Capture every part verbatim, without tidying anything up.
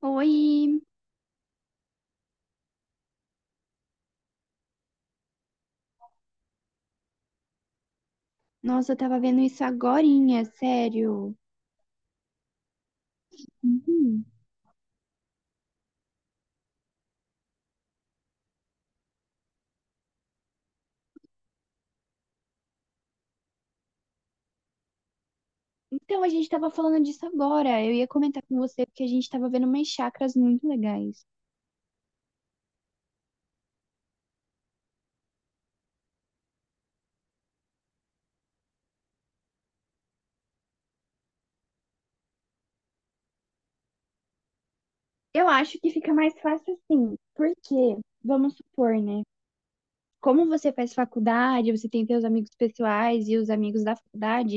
Oi! Nossa, eu tava vendo isso agorinha, sério. Uhum. Então, a gente tava falando disso agora. Eu ia comentar com você porque a gente tava vendo umas chakras muito legais. Eu acho que fica mais fácil assim, porque, vamos supor, né? Como você faz faculdade, você tem seus amigos pessoais e os amigos da faculdade,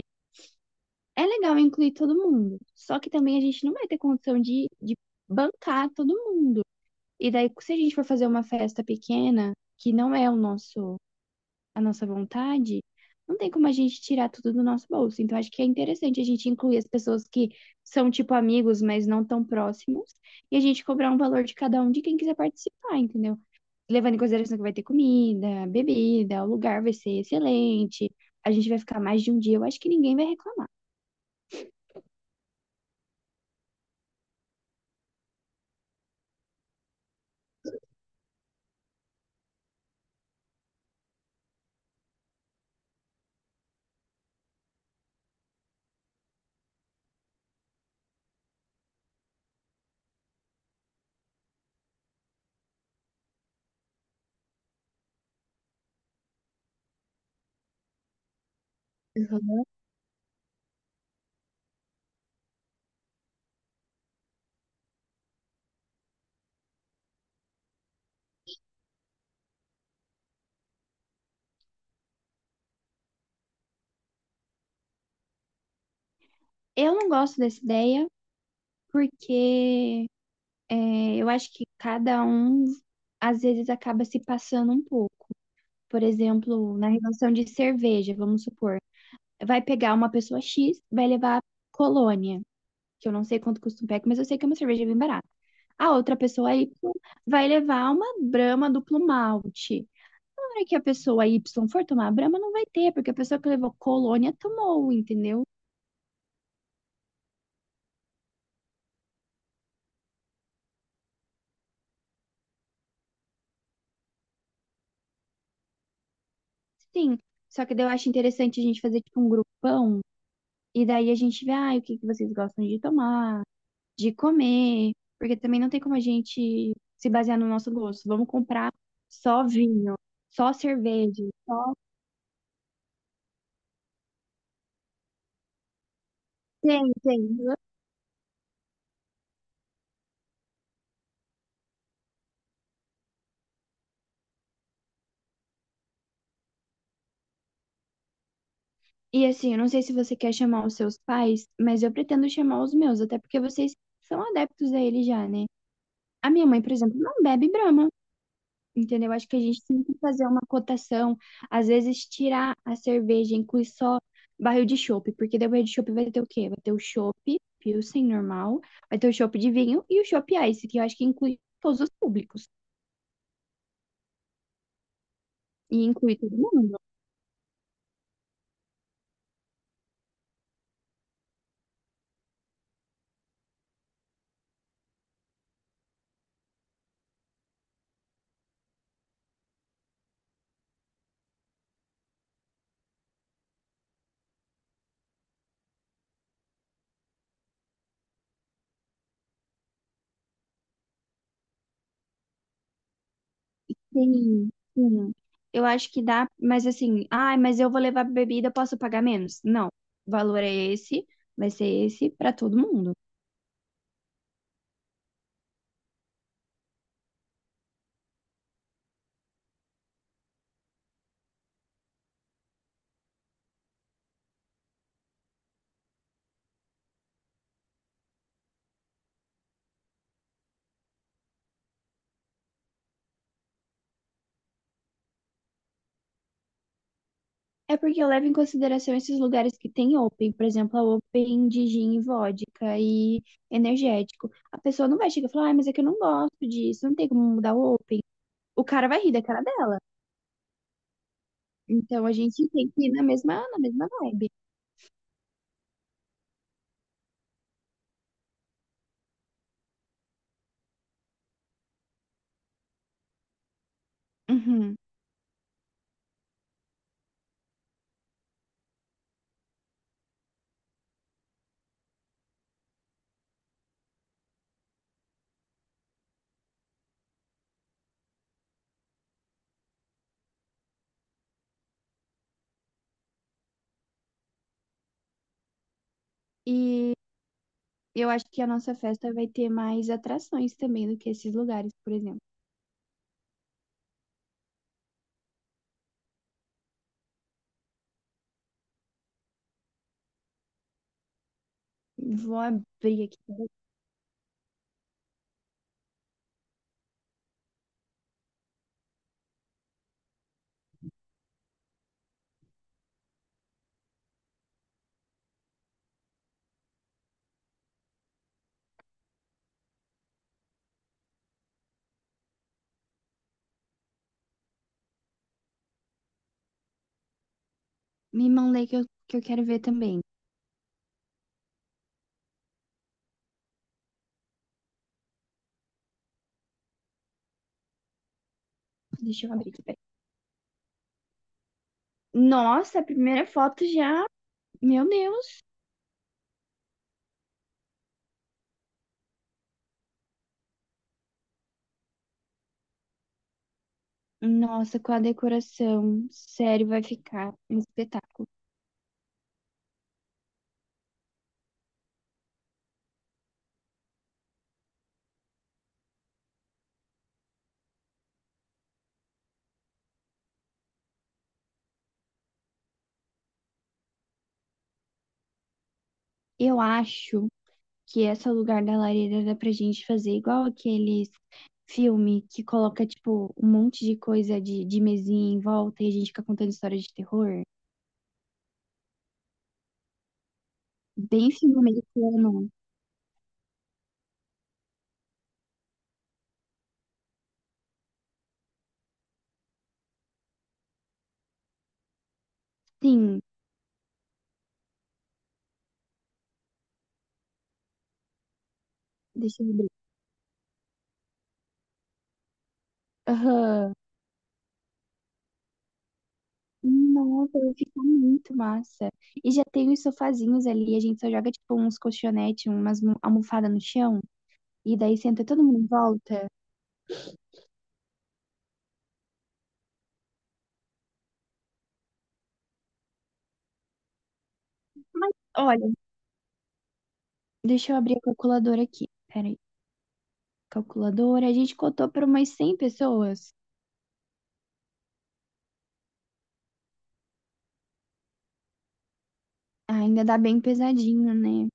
é legal incluir todo mundo. Só que também a gente não vai ter condição de, de bancar todo mundo. E daí, se a gente for fazer uma festa pequena, que não é o nosso. A nossa vontade, não tem como a gente tirar tudo do nosso bolso. Então, acho que é interessante a gente incluir as pessoas que são, tipo, amigos, mas não tão próximos, e a gente cobrar um valor de cada um de quem quiser participar, entendeu? Levando em consideração que vai ter comida, bebida, o lugar vai ser excelente, a gente vai ficar mais de um dia, eu acho que ninguém vai reclamar. Uhum. Eu não gosto dessa ideia porque é, eu acho que cada um, às vezes, acaba se passando um pouco. Por exemplo, na relação de cerveja, vamos supor, vai pegar uma pessoa X, vai levar Colônia, que eu não sei quanto custa um pack, mas eu sei que é uma cerveja bem barata. A outra pessoa Y vai levar uma Brahma duplo malte. Na hora que a pessoa Y for tomar a Brahma, não vai ter, porque a pessoa que levou Colônia tomou, entendeu? Sim. Só que daí eu acho interessante a gente fazer tipo um grupão, e daí a gente vê, ah, o que que vocês gostam de tomar, de comer, porque também não tem como a gente se basear no nosso gosto. Vamos comprar só vinho, só cerveja, só. Tem, tem. E assim, eu não sei se você quer chamar os seus pais, mas eu pretendo chamar os meus, até porque vocês são adeptos a ele já, né? A minha mãe, por exemplo, não bebe Brahma. Entendeu? Acho que a gente tem que fazer uma cotação, às vezes tirar a cerveja, inclui só barril de chopp, porque daí o barril de chopp vai ter o quê? Vai ter o chopp Pilsen normal, vai ter o chopp de vinho e o chopp Ice, que eu acho que inclui todos os públicos e inclui todo mundo. Sim, sim. Eu acho que dá, mas assim, ah mas eu vou levar bebida, posso pagar menos? Não, o valor é esse, vai ser esse para todo mundo. É porque eu levo em consideração esses lugares que tem Open, por exemplo, a Open de gin e vodka e energético. A pessoa não vai chegar e falar, ah, mas é que eu não gosto disso, não tem como mudar o Open. O cara vai rir da cara dela. Então a gente tem que ir na mesma, na mesma vibe. Uhum. E eu acho que a nossa festa vai ter mais atrações também do que esses lugares, por exemplo. Vou abrir aqui. Me mandei que eu, que eu quero ver também. Deixa eu abrir aqui. Peraí. Nossa, a primeira foto já. Meu Deus. Nossa, com a decoração, sério, vai ficar um espetáculo. Eu acho que esse lugar da lareira dá pra gente fazer igual aqueles filme que coloca, tipo, um monte de coisa de, de mesinha em volta e a gente fica contando história de terror. Bem filme americano. Sim, deixa eu ver. Aham. Nossa, vai ficar muito massa. E já tem os sofazinhos ali, a gente só joga, tipo, uns colchonetes, umas almofadas no chão, e daí senta todo mundo em volta. Mas olha. Deixa eu abrir a calculadora aqui. Peraí. Calculadora. A gente cotou para umas cem pessoas. Ah, ainda dá bem pesadinho, né?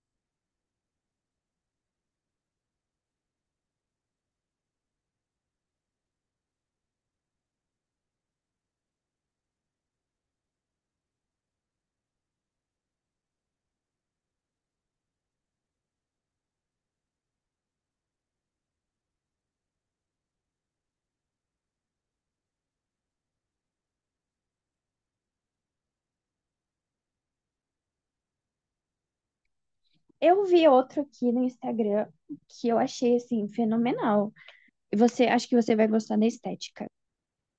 Eu vi outro aqui no Instagram que eu achei, assim, fenomenal. E você, acho que você vai gostar da estética.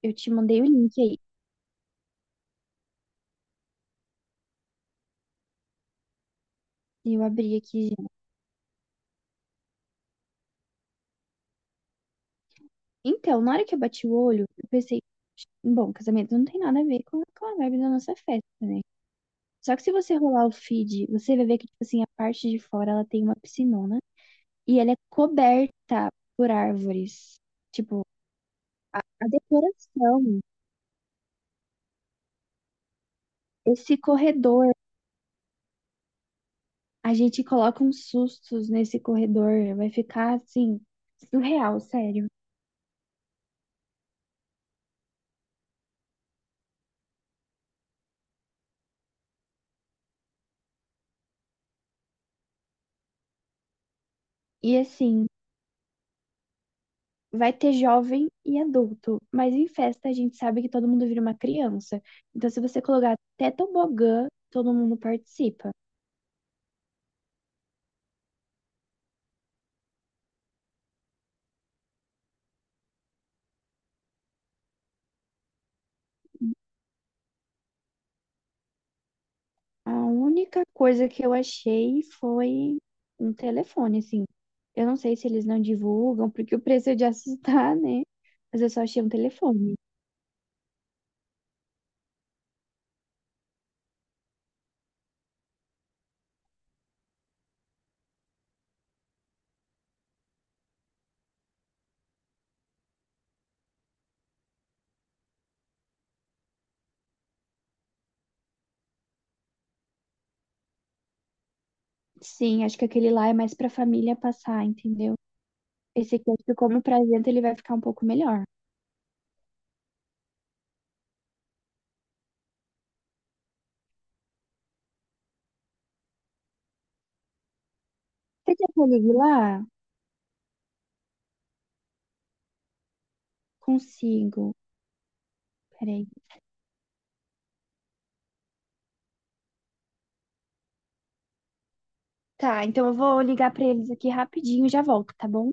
Eu te mandei o link aí. E eu abri aqui. Então, na hora que eu bati o olho, eu pensei, bom, casamento não tem nada a ver com, com a vibe da nossa festa. Só que se você rolar o feed, você vai ver que, tipo assim, a parte de fora, ela tem uma piscinona. E ela é coberta por árvores. Tipo, a decoração, esse corredor, a gente coloca uns sustos nesse corredor, vai ficar assim, surreal, sério. E assim, vai ter jovem e adulto, mas em festa a gente sabe que todo mundo vira uma criança. Então, se você colocar até tobogã, todo mundo participa. A única coisa que eu achei foi um telefone, assim. Eu não sei se eles não divulgam, porque o preço é de assustar, né? Mas eu só achei um telefone. Sim, acho que aquele lá é mais pra família passar, entendeu? Esse aqui, acho que como presente, ele vai ficar um pouco melhor. Você quer que eu ligue lá? Consigo. Peraí. Tá, então eu vou ligar pra eles aqui rapidinho e já volto, tá bom?